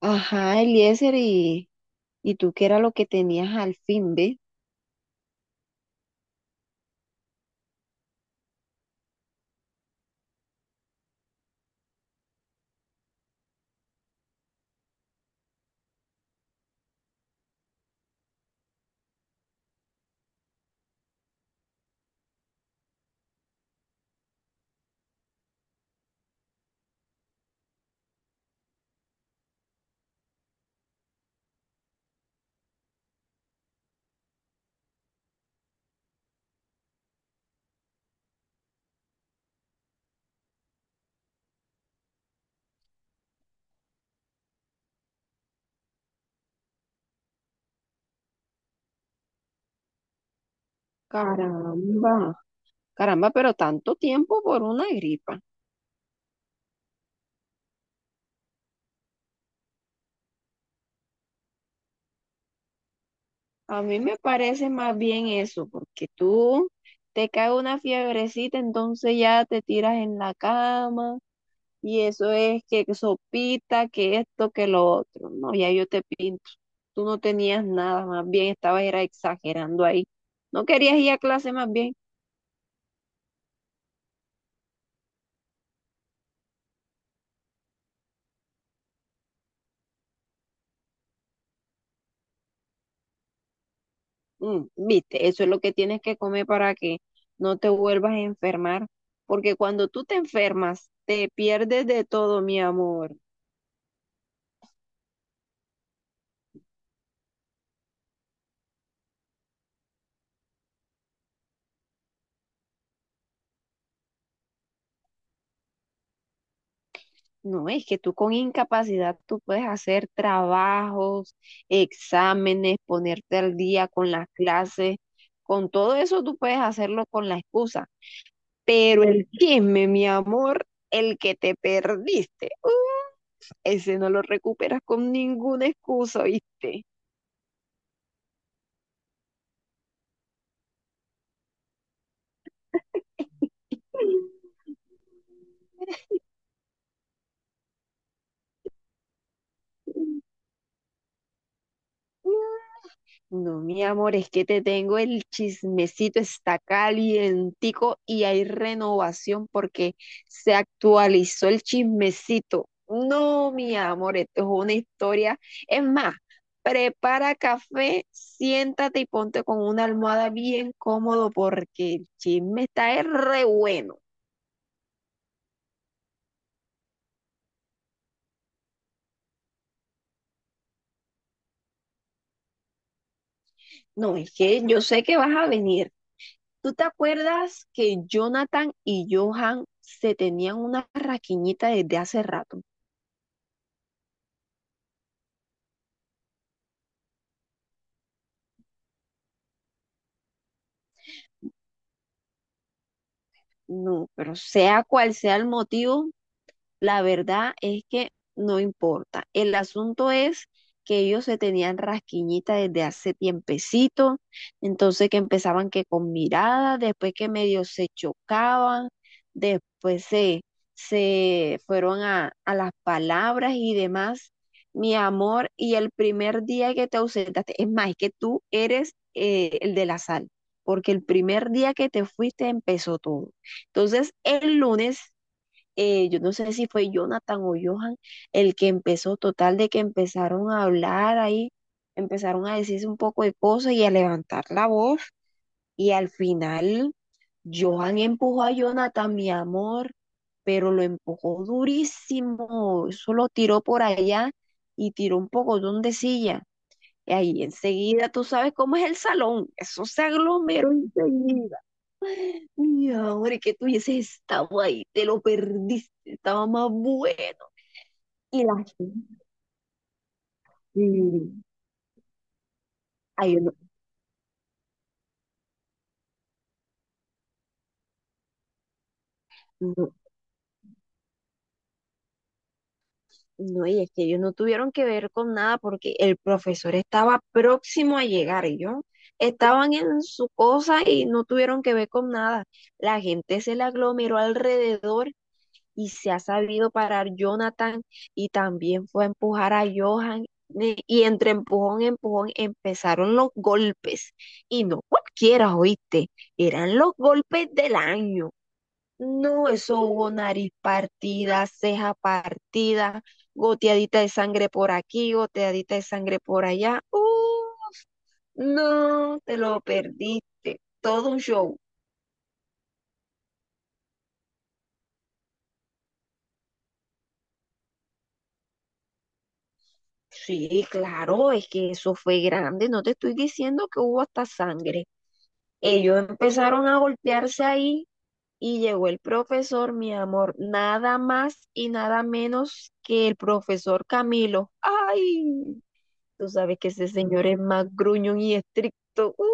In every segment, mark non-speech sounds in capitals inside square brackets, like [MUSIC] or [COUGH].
Ajá, Eliezer, y tú qué era lo que tenías al fin, ¿ve? Caramba, caramba, pero tanto tiempo por una gripa. A mí me parece más bien eso, porque tú te cae una fiebrecita, entonces ya te tiras en la cama, y eso es que sopita, que esto, que lo otro. No, ya yo te pinto. Tú no tenías nada, más bien estabas era exagerando ahí. No querías ir a clase, más bien. Mm, viste, eso es lo que tienes que comer para que no te vuelvas a enfermar, porque cuando tú te enfermas, te pierdes de todo, mi amor. No, es que tú con incapacidad tú puedes hacer trabajos, exámenes, ponerte al día con las clases, con todo eso tú puedes hacerlo con la excusa, pero el chisme, mi amor, el que te perdiste, ese no lo recuperas con ninguna excusa, ¿viste? [LAUGHS] No, mi amor, es que te tengo el chismecito, está calientico y hay renovación porque se actualizó el chismecito. No, mi amor, esto es una historia. Es más, prepara café, siéntate y ponte con una almohada bien cómodo porque el chisme está es re bueno. No, es que yo sé que vas a venir. ¿Tú te acuerdas que Jonathan y Johan se tenían una raquiñita desde hace rato? No, pero sea cual sea el motivo, la verdad es que no importa. El asunto es que ellos se tenían rasquiñita desde hace tiempecito, entonces que empezaban que con miradas, después que medio se chocaban, después se fueron a las palabras y demás. Mi amor, y el primer día que te ausentaste, es más, es que tú eres el de la sal, porque el primer día que te fuiste empezó todo. Entonces, el lunes yo no sé si fue Jonathan o Johan el que empezó, total de que empezaron a hablar ahí, empezaron a decirse un poco de cosas y a levantar la voz y al final Johan empujó a Jonathan, mi amor, pero lo empujó durísimo, eso lo tiró por allá y tiró un pocotón de silla. Y ahí enseguida, tú sabes cómo es el salón, eso se aglomeró enseguida. Mi amor, es que tú hubieses estado ahí, te lo perdiste, estaba más bueno. Y las gente, ay, yo no, no, no, y es que ellos no tuvieron que ver con nada porque el profesor estaba próximo a llegar, ellos estaban en su cosa y no tuvieron que ver con nada. La gente se le aglomeró alrededor y se ha sabido parar Jonathan y también fue a empujar a Johan. Y entre empujón empujón empezaron los golpes. Y no cualquiera, oíste, eran los golpes del año. No, eso hubo nariz partida, ceja partida, goteadita de sangre por aquí, goteadita de sangre por allá. No, te lo perdiste. Todo un show. Sí, claro, es que eso fue grande. No te estoy diciendo que hubo hasta sangre. Ellos empezaron a golpearse ahí y llegó el profesor, mi amor, nada más y nada menos que el profesor Camilo. ¡Ay! Tú sabes que ese señor es más gruñón y estricto. Uf.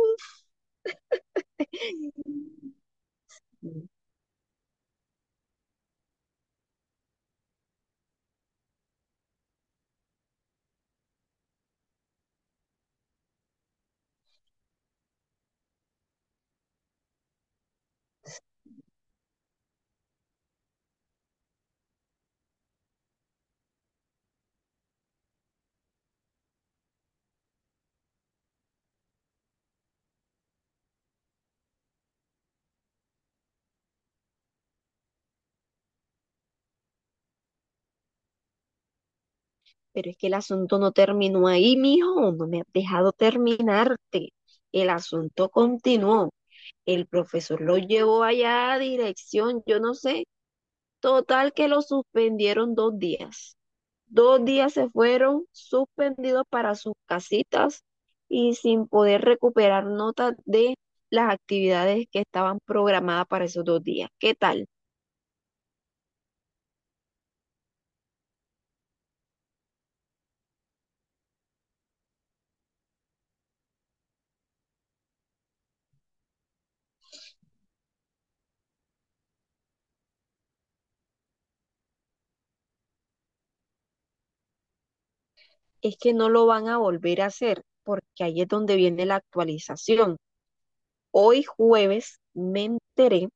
Pero es que el asunto no terminó ahí, mijo. No me has dejado terminarte. El asunto continuó. El profesor lo llevó allá a dirección, yo no sé. Total que lo suspendieron 2 días. Dos días se fueron suspendidos para sus casitas y sin poder recuperar notas de las actividades que estaban programadas para esos 2 días. ¿Qué tal? Es que no lo van a volver a hacer, porque ahí es donde viene la actualización. Hoy jueves me enteré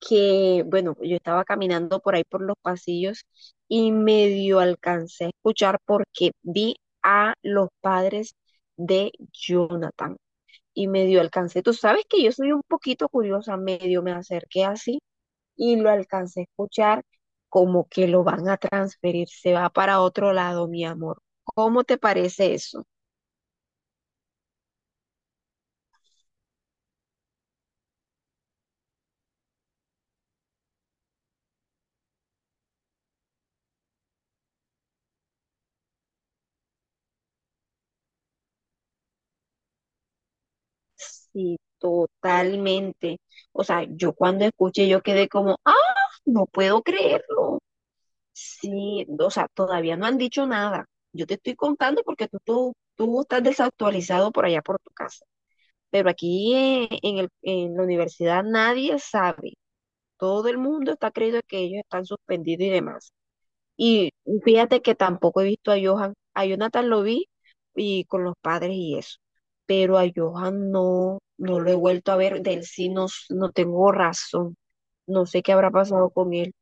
que, bueno, yo estaba caminando por ahí por los pasillos y medio alcancé a escuchar porque vi a los padres de Jonathan y medio alcancé. Tú sabes que yo soy un poquito curiosa, medio me acerqué así y lo alcancé a escuchar como que lo van a transferir, se va para otro lado, mi amor. ¿Cómo te parece eso? Sí, totalmente. O sea, yo cuando escuché, yo quedé como, ah, no puedo creerlo. Sí, o sea, todavía no han dicho nada. Yo te estoy contando porque tú estás desactualizado por allá por tu casa. Pero aquí en en la universidad nadie sabe. Todo el mundo está creyendo que ellos están suspendidos y demás. Y fíjate que tampoco he visto a Johan. A Jonathan lo vi y con los padres y eso. Pero a Johan no lo he vuelto a ver. Del sí no, no tengo razón. No sé qué habrá pasado con él.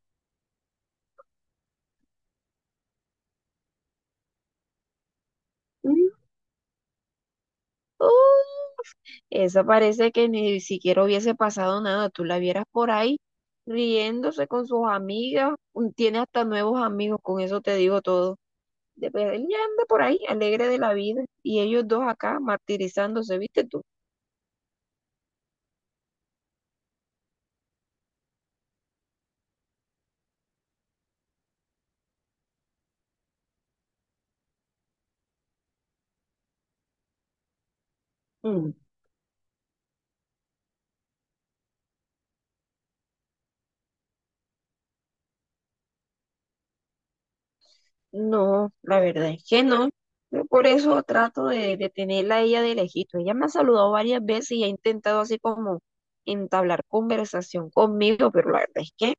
Mm, oh, esa parece que ni siquiera hubiese pasado nada. Tú la vieras por ahí riéndose con sus amigas. Tiene hasta nuevos amigos. Con eso te digo todo. Pero él ya anda por ahí, alegre de la vida. Y ellos dos acá martirizándose, ¿viste tú? No, la verdad es que no. Yo por eso trato de tenerla a ella de lejito. Ella me ha saludado varias veces y ha intentado así como entablar conversación conmigo, pero la verdad es que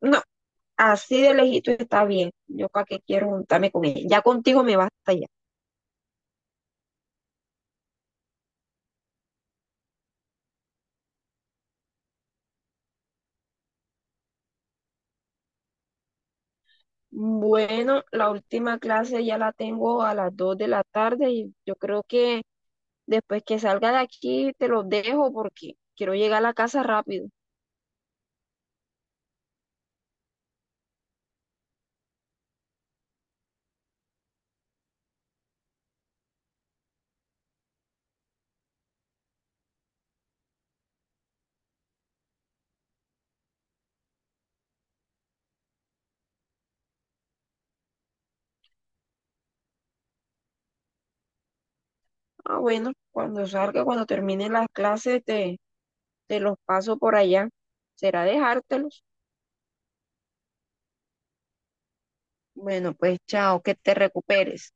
no, así de lejito está bien. Yo para qué quiero juntarme con ella. Ya contigo me basta ya. Bueno, la última clase ya la tengo a las 2:00 p.m. de la tarde y yo creo que después que salga de aquí te lo dejo porque quiero llegar a la casa rápido. Ah, bueno, cuando salga, cuando termine las clases, te... Te los paso por allá. ¿Será dejártelos? Bueno, pues chao, que te recuperes.